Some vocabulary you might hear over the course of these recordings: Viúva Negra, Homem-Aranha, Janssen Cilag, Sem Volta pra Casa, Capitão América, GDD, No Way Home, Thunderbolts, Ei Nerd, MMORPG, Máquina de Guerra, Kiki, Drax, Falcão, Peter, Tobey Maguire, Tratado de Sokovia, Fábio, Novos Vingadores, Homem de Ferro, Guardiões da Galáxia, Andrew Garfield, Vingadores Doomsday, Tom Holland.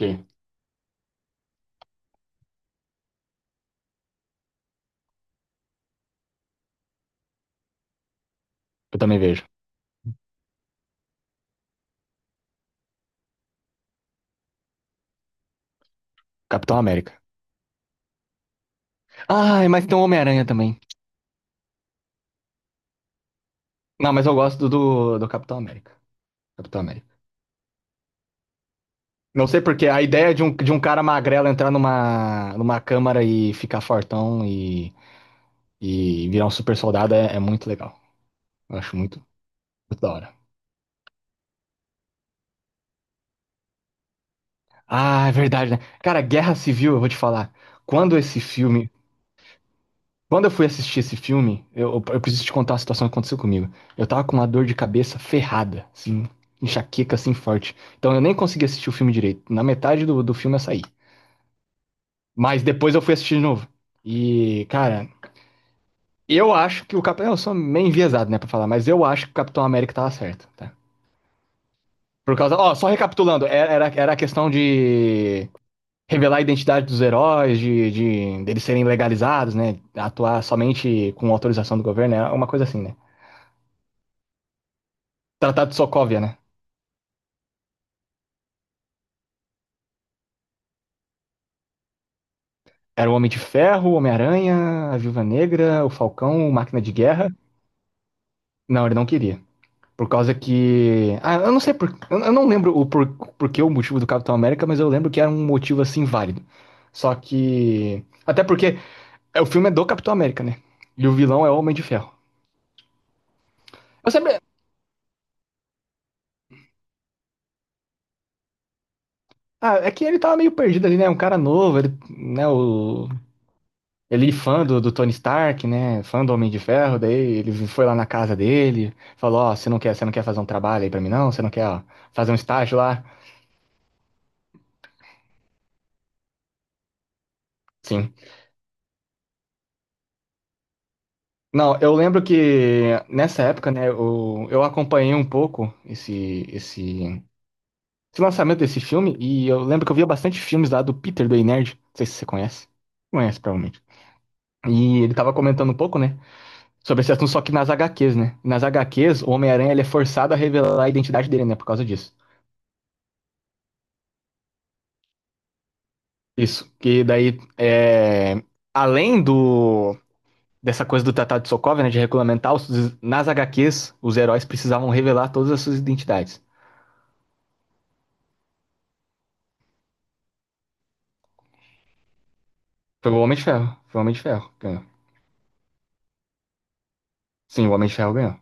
Sim, eu também vejo. Capitão América. Ah, mas tem o Homem-Aranha também. Não, mas eu gosto do Capitão América. Capitão América. Não sei porque a ideia de um cara magrelo entrar numa, numa câmara e ficar fortão e virar um super soldado é muito legal. Eu acho muito, muito da hora. Ah, é verdade, né? Cara, Guerra Civil, eu vou te falar. Quando esse filme Quando eu fui assistir esse filme, eu preciso te contar a situação que aconteceu comigo. Eu tava com uma dor de cabeça ferrada, assim, enxaqueca, assim, forte. Então eu nem consegui assistir o filme direito. Na metade do filme eu saí. Mas depois eu fui assistir de novo. E, cara, eu acho que o Capitão. Eu sou meio enviesado, né, pra falar, mas eu acho que o Capitão América tava certo, tá? Por causa. Ó, só recapitulando, era a questão de revelar a identidade dos heróis, de deles serem legalizados, né? Atuar somente com autorização do governo, é uma coisa assim, né? Tratado de Sokovia, né? Era o Homem de Ferro, o Homem-Aranha, a Viúva Negra, o Falcão, o Máquina de Guerra. Não, ele não queria. Por causa que. Ah, eu não sei por. Eu não lembro o por... porquê o motivo do Capitão América, mas eu lembro que era um motivo assim válido. Só que. Até porque é, o filme é do Capitão América, né? E o vilão é o Homem de Ferro. Eu sempre. Ah, é que ele tava meio perdido ali, né? Um cara novo, ele, né? O Ele fã do Tony Stark, né? Fã do Homem de Ferro, daí ele foi lá na casa dele, falou, ó, você não quer fazer um trabalho aí pra mim, não? Você não quer, ó, fazer um estágio lá? Sim. Não, eu lembro que nessa época, né, eu acompanhei um pouco esse, esse lançamento desse filme, e eu lembro que eu via bastante filmes lá do Peter, do Ei Nerd. Não sei se você conhece. Conhece, provavelmente. E ele tava comentando um pouco, né? Sobre esse assunto, só que nas HQs, né? Nas HQs, o Homem-Aranha ele é forçado a revelar a identidade dele, né? Por causa disso. Isso, que daí, é, além do dessa coisa do Tratado de Sokovia, né, de regulamentar, nas HQs, os heróis precisavam revelar todas as suas identidades. Foi o Homem de Ferro, foi o Homem de Ferro que ganhou. Sim, o Homem de Ferro ganhou.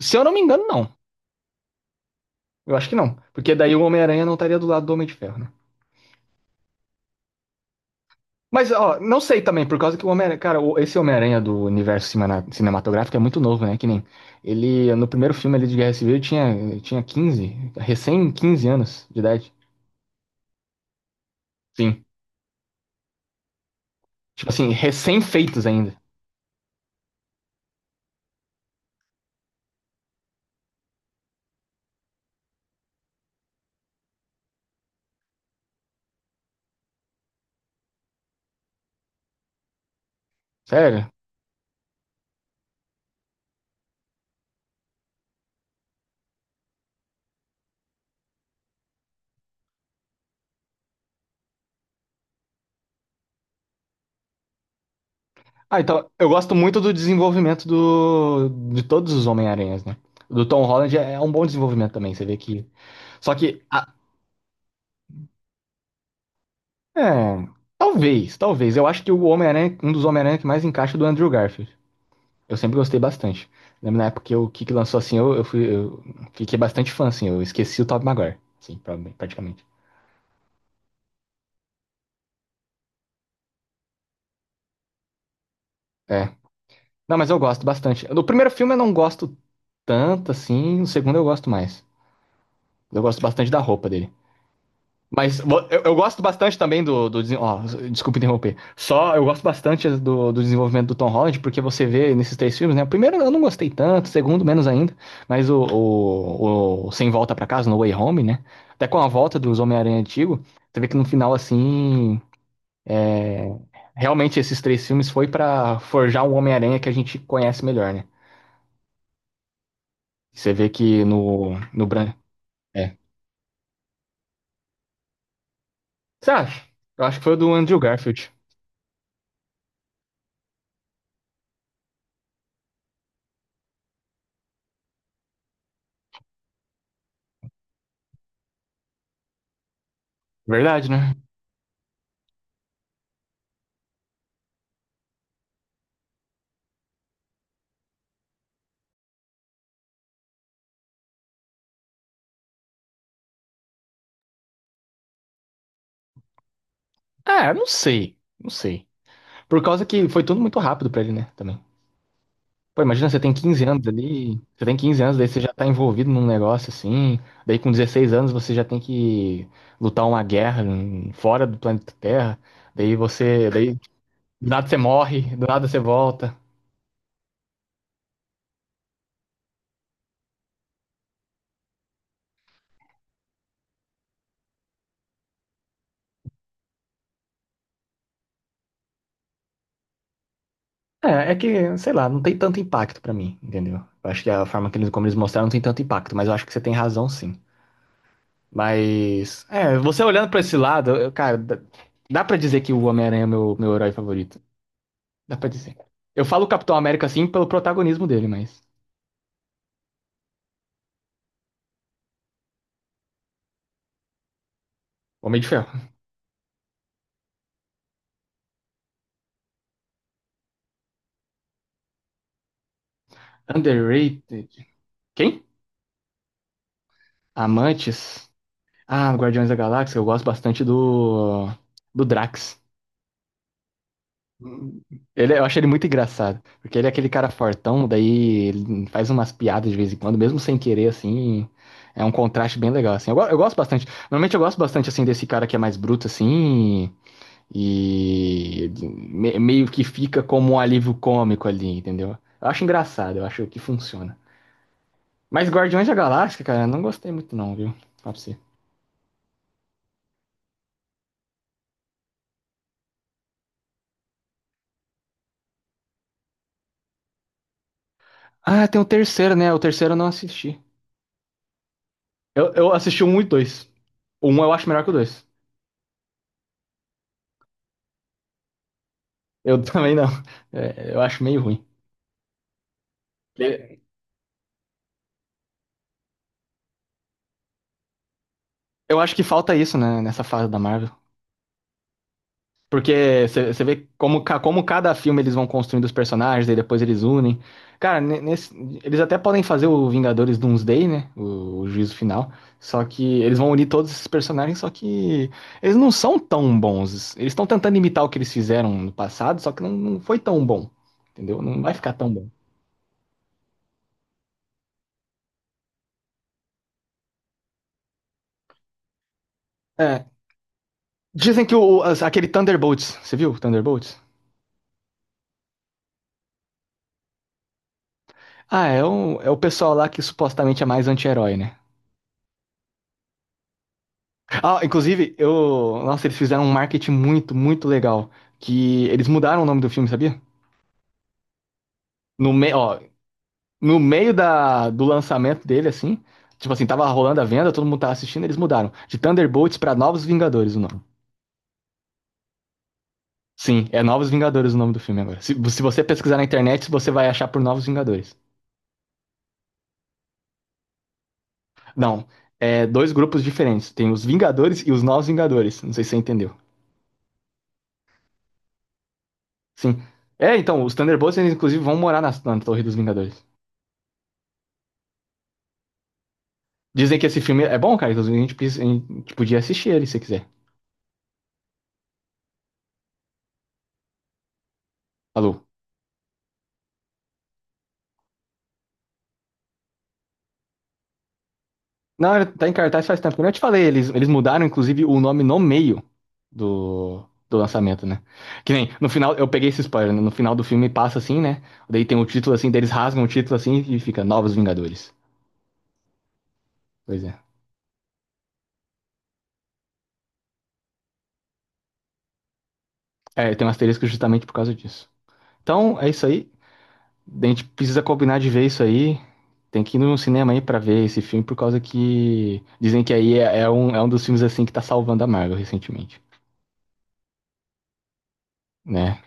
Se eu não me engano, não. Eu acho que não, porque daí o Homem-Aranha não estaria do lado do Homem de Ferro, né? Mas, ó, não sei também, por causa que o Homem-Aranha, cara, esse Homem-Aranha do universo cinematográfico é muito novo, né? Que nem ele, no primeiro filme ali de Guerra Civil, ele tinha 15 recém 15 anos de idade. Sim. Tipo assim, recém-feitos ainda. Sério? Ah, então, eu gosto muito do desenvolvimento de todos os Homem-Aranhas, né? O Do Tom Holland é um bom desenvolvimento também, você vê que. Só que. É. Talvez, talvez. Eu acho que o Homem-Aranha, um dos Homem-Aranha que mais encaixa é o do Andrew Garfield. Eu sempre gostei bastante. Lembro na época que o Kiki lançou assim, eu fiquei bastante fã, assim. Eu esqueci o Tobey Maguire, assim, praticamente. É. Não, mas eu gosto bastante. No primeiro filme eu não gosto tanto, assim. No segundo eu gosto mais. Eu gosto bastante da roupa dele. Mas eu gosto bastante também ó, desculpa interromper. Só eu gosto bastante do desenvolvimento do Tom Holland, porque você vê nesses três filmes, né? O primeiro eu não gostei tanto, o segundo menos ainda, mas o Sem Volta pra Casa, No Way Home, né? Até com a volta dos Homem-Aranha antigo, você vê que no final, assim, realmente esses três filmes foi pra forjar um Homem-Aranha que a gente conhece melhor, né? Você vê que no Bran... É. Você acha? Eu acho que foi o do Andrew Garfield. Verdade, né? Ah, eu não sei. Não sei. Por causa que foi tudo muito rápido pra ele, né? Também. Pô, imagina, você tem 15 anos ali, você tem 15 anos, daí você já tá envolvido num negócio assim, daí com 16 anos você já tem que lutar uma guerra fora do planeta Terra, daí do nada você morre, do nada você volta. É, é que, sei lá, não tem tanto impacto pra mim, entendeu? Eu acho que a forma que eles, como eles mostraram não tem tanto impacto, mas eu acho que você tem razão sim. Mas, é, você olhando pra esse lado, cara, dá pra dizer que o Homem-Aranha é meu, herói favorito. Dá pra dizer. Eu falo Capitão América assim pelo protagonismo dele, mas. Homem de Ferro. Underrated. Quem? Amantes. Ah, Guardiões da Galáxia, eu gosto bastante do Drax. Ele, eu acho ele muito engraçado, porque ele é aquele cara fortão, daí ele faz umas piadas de vez em quando, mesmo sem querer, assim, é um contraste bem legal, assim. Eu gosto bastante, normalmente eu gosto bastante, assim, desse cara que é mais bruto, assim, E meio que fica como um alívio cômico ali, entendeu? Eu acho engraçado, eu acho que funciona. Mas Guardiões da Galáxia, cara, eu não gostei muito não, viu? Fala pra você. Ah, tem o terceiro, né? O terceiro eu não assisti. Eu assisti o um e o dois. O um eu acho melhor que o dois. Eu também não. É, eu acho meio ruim. Eu acho que falta isso, né, nessa fase da Marvel. Porque você vê como, como cada filme eles vão construindo os personagens, aí depois eles unem. Cara, eles até podem fazer o Vingadores Doomsday, né? O juízo final. Só que eles vão unir todos esses personagens, só que eles não são tão bons. Eles estão tentando imitar o que eles fizeram no passado, só que não foi tão bom. Entendeu? Não vai ficar tão bom. É, dizem que aquele Thunderbolts, você viu o Thunderbolts? Ah, é o pessoal lá que supostamente é mais anti-herói, né? Ah, inclusive, eu. Nossa, eles fizeram um marketing muito, muito legal. Que eles mudaram o nome do filme, sabia? No meio, ó, no meio do lançamento dele, assim. Tipo assim, tava rolando a venda, todo mundo tava assistindo, eles mudaram. De Thunderbolts pra Novos Vingadores o nome. Sim, é Novos Vingadores o nome do filme agora. Se você pesquisar na internet, você vai achar por Novos Vingadores. Não, é dois grupos diferentes. Tem os Vingadores e os Novos Vingadores. Não sei se você entendeu. Sim. É, então, os Thunderbolts, eles, inclusive, vão morar na Torre dos Vingadores. Dizem que esse filme é bom, cara. Inclusive, a gente podia assistir ele se quiser. Alô? Não, ele tá em cartaz faz tempo. Como eu te falei, eles mudaram, inclusive, o nome no meio do, do lançamento, né? Que nem, no final, eu peguei esse spoiler, né? No final do filme passa assim, né? Daí tem o título assim, daí eles rasgam o título assim e fica Novos Vingadores. Pois é. É, tem um asterisco justamente por causa disso. Então, é isso aí. A gente precisa combinar de ver isso aí. Tem que ir no cinema aí pra ver esse filme, por causa que dizem que aí é um dos filmes assim que tá salvando a Marvel recentemente, né?